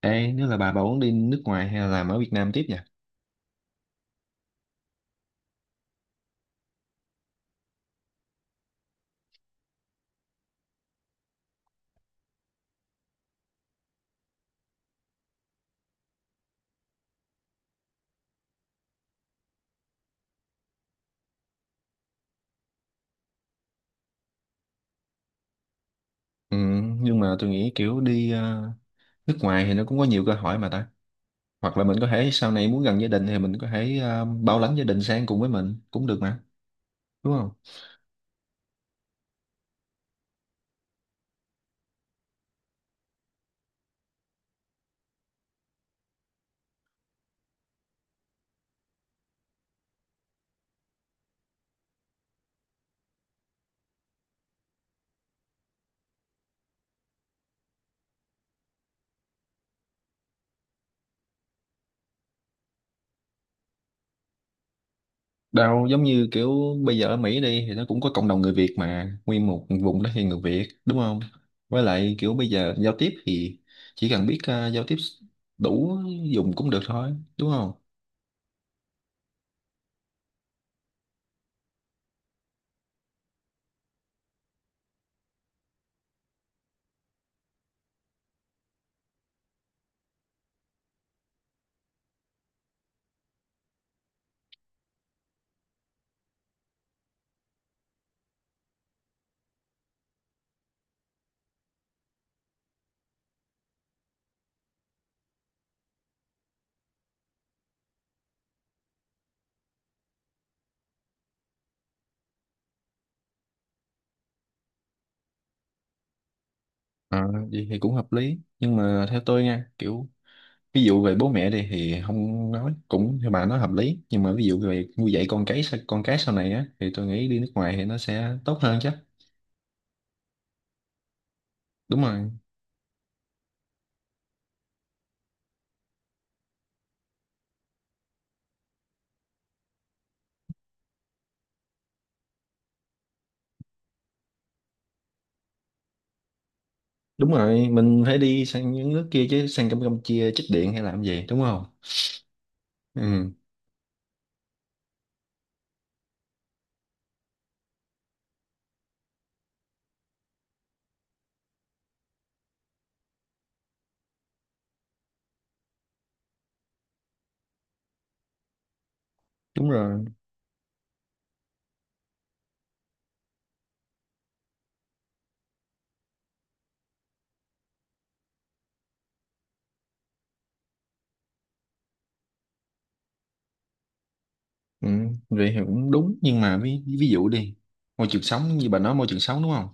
Ê, nếu là bà muốn đi nước ngoài hay là làm ở Việt Nam tiếp nhỉ? Ừ, nhưng mà tôi nghĩ kiểu đi nước ngoài thì nó cũng có nhiều cơ hội mà ta. Hoặc là mình có thể sau này muốn gần gia đình thì mình có thể bảo lãnh gia đình sang cùng với mình cũng được mà, đúng không? Đâu giống như kiểu bây giờ ở Mỹ đi thì nó cũng có cộng đồng người Việt mà, nguyên một vùng đó thì người Việt, đúng không? Với lại kiểu bây giờ giao tiếp thì chỉ cần biết giao tiếp đủ dùng cũng được thôi, đúng không? Ờ, vậy thì cũng hợp lý. Nhưng mà theo tôi nha, kiểu ví dụ về bố mẹ đi thì không nói cũng theo bà nói hợp lý, nhưng mà ví dụ về nuôi dạy con cái sau này á thì tôi nghĩ đi nước ngoài thì nó sẽ tốt hơn chứ. Đúng rồi. Đúng rồi, mình phải đi sang những nước kia chứ sang Campuchia chích điện hay làm gì, đúng không? Ừ. Đúng rồi. Ừ, vậy thì cũng đúng, nhưng mà ví dụ đi, môi trường sống như bà nói, môi trường sống đúng không?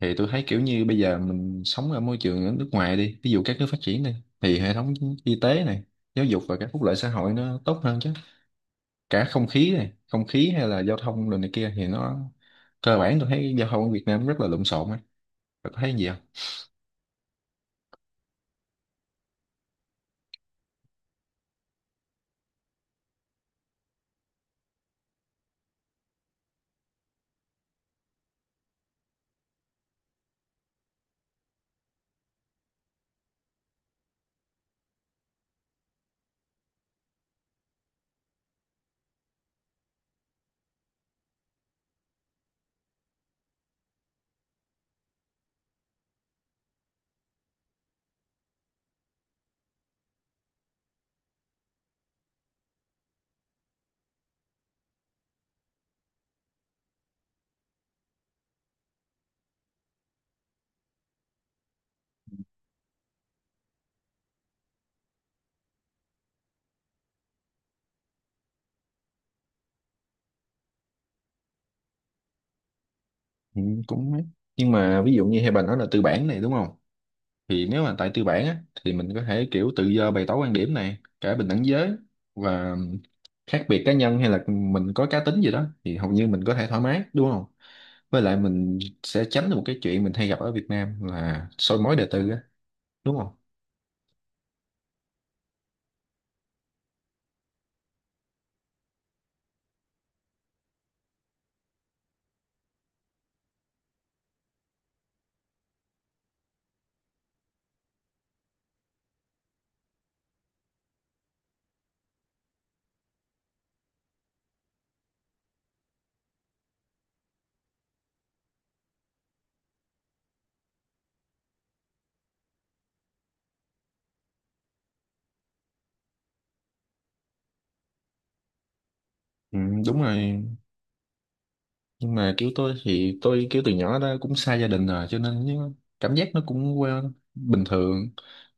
Thì tôi thấy kiểu như bây giờ mình sống ở môi trường ở nước ngoài đi, ví dụ các nước phát triển đi, thì hệ thống y tế này, giáo dục và các phúc lợi xã hội nó tốt hơn chứ. Cả không khí này, không khí hay là giao thông rồi này kia thì nó cơ bản tôi thấy giao thông ở Việt Nam rất là lộn xộn ấy. Bạn có thấy gì không? Ừ, cũng ấy. Nhưng mà ví dụ như hai bà nói là tư bản này, đúng không? Thì nếu mà tại tư bản á thì mình có thể kiểu tự do bày tỏ quan điểm này, cả bình đẳng giới và khác biệt cá nhân hay là mình có cá tính gì đó thì hầu như mình có thể thoải mái, đúng không? Với lại mình sẽ tránh được một cái chuyện mình hay gặp ở Việt Nam là soi mói đời tư á, đúng không? Ừ, đúng rồi. Nhưng mà kiểu tôi thì tôi kiểu từ nhỏ đó cũng xa gia đình rồi cho nên cảm giác nó cũng quen bình thường.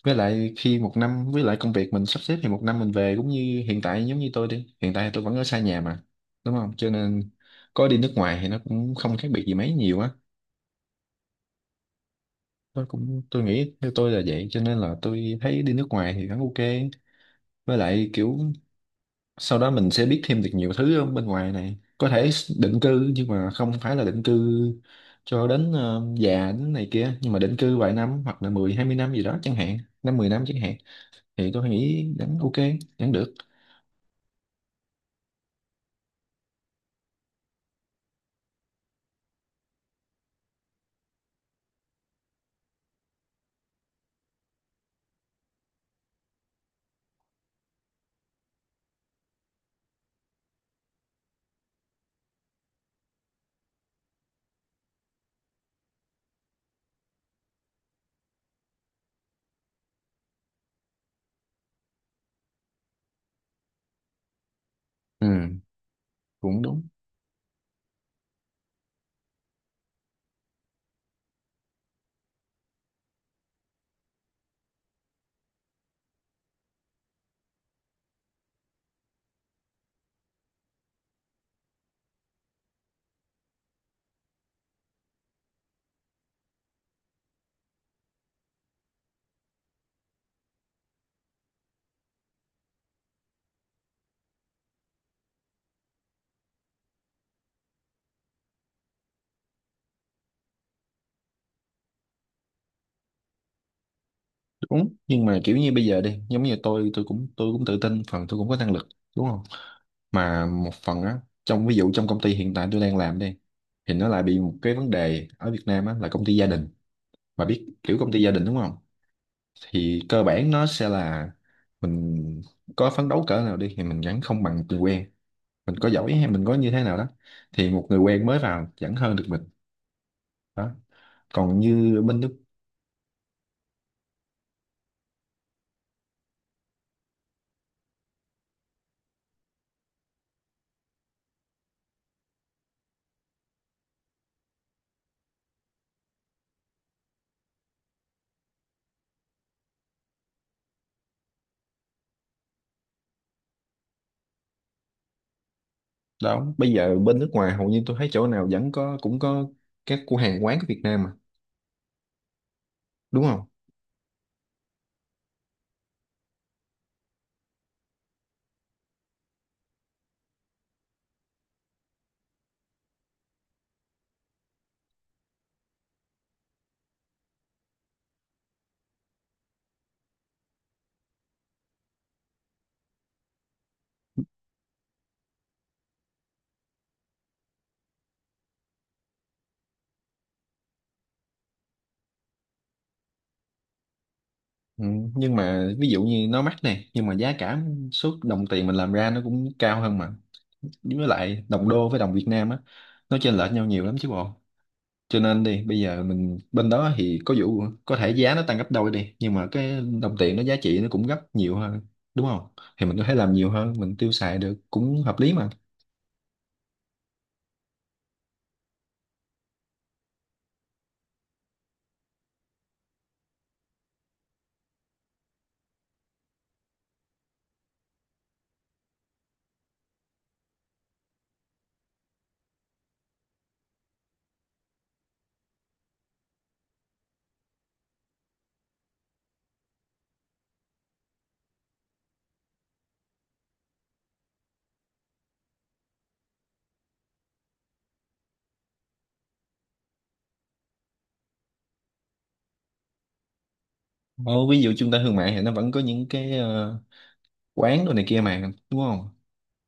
Với lại khi một năm với lại công việc mình sắp xếp thì một năm mình về cũng như hiện tại, giống như tôi đi hiện tại tôi vẫn ở xa nhà mà, đúng không? Cho nên có đi nước ngoài thì nó cũng không khác biệt gì mấy nhiều á. Tôi nghĩ theo tôi là vậy, cho nên là tôi thấy đi nước ngoài thì vẫn ok. Với lại kiểu sau đó mình sẽ biết thêm được nhiều thứ ở bên ngoài này, có thể định cư, nhưng mà không phải là định cư cho đến già đến này kia, nhưng mà định cư vài năm hoặc là 10, 20 năm gì đó chẳng hạn, 5, 10 năm chẳng hạn, thì tôi nghĩ vẫn ok, vẫn được. Ừ, cũng đúng. Đúng, nhưng mà kiểu như bây giờ đi giống như tôi cũng tự tin phần tôi cũng có năng lực, đúng không? Mà một phần á, trong ví dụ trong công ty hiện tại tôi đang làm đi, thì nó lại bị một cái vấn đề ở Việt Nam á là công ty gia đình, mà biết kiểu công ty gia đình đúng không? Thì cơ bản nó sẽ là mình có phấn đấu cỡ nào đi thì mình vẫn không bằng người quen, mình có giỏi hay mình có như thế nào đó thì một người quen mới vào vẫn hơn được mình. Đó, còn như bên nước đó. Bây giờ bên nước ngoài hầu như tôi thấy chỗ nào vẫn có, cũng có các cửa hàng quán của Việt Nam mà, đúng không? Ừ. Nhưng mà ví dụ như nó mắc nè, nhưng mà giá cả suốt đồng tiền mình làm ra nó cũng cao hơn mà. Với lại đồng đô với đồng Việt Nam á nó chênh lệch nhau nhiều lắm chứ bộ. Cho nên đi bây giờ mình bên đó thì có vụ có thể giá nó tăng gấp đôi đi, nhưng mà cái đồng tiền nó giá trị nó cũng gấp nhiều hơn, đúng không? Thì mình có thể làm nhiều hơn mình tiêu xài được cũng hợp lý mà. Ồ, ví dụ trung tâm thương mại thì nó vẫn có những cái quán đồ này kia mà, đúng không?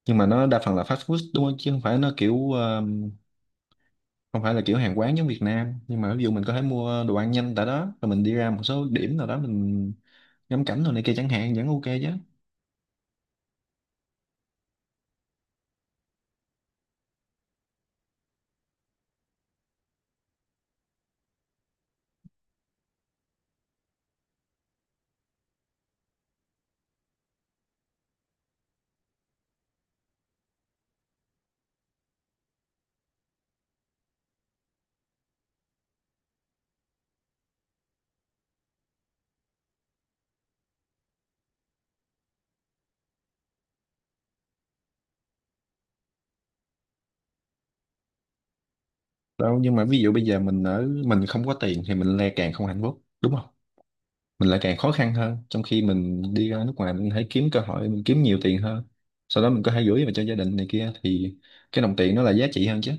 Nhưng mà nó đa phần là fast food đúng không, chứ không phải nó kiểu không phải là kiểu hàng quán giống Việt Nam, nhưng mà ví dụ mình có thể mua đồ ăn nhanh tại đó rồi mình đi ra một số điểm nào đó mình ngắm cảnh đồ này kia chẳng hạn, vẫn ok chứ? Đâu, nhưng mà ví dụ bây giờ mình ở mình không có tiền thì mình lại càng không hạnh phúc, đúng không? Mình lại càng khó khăn hơn, trong khi mình đi ra nước ngoài mình hãy kiếm cơ hội mình kiếm nhiều tiền hơn, sau đó mình có thể gửi về cho gia đình này kia thì cái đồng tiền nó là giá trị hơn chứ.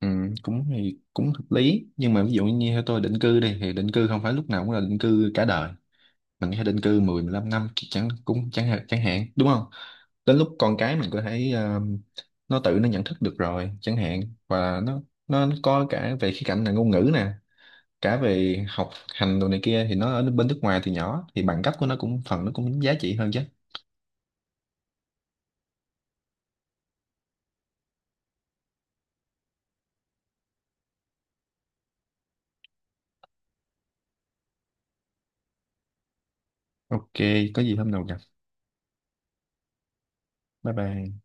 Ừ, cũng thì cũng hợp lý, nhưng mà ví dụ như theo tôi định cư đi thì định cư không phải lúc nào cũng là định cư cả đời. Mình có thể định cư 10 15 năm chẳng hạn đúng không? Đến lúc con cái mình có thể nó tự nó nhận thức được rồi chẳng hạn, và nó có cả về khía cạnh là ngôn ngữ nè, cả về học hành đồ này kia thì nó ở bên nước ngoài từ nhỏ thì bằng cấp của nó cũng phần nó cũng giá trị hơn chứ. Ok, có gì hôm nào gặp. Bye bye.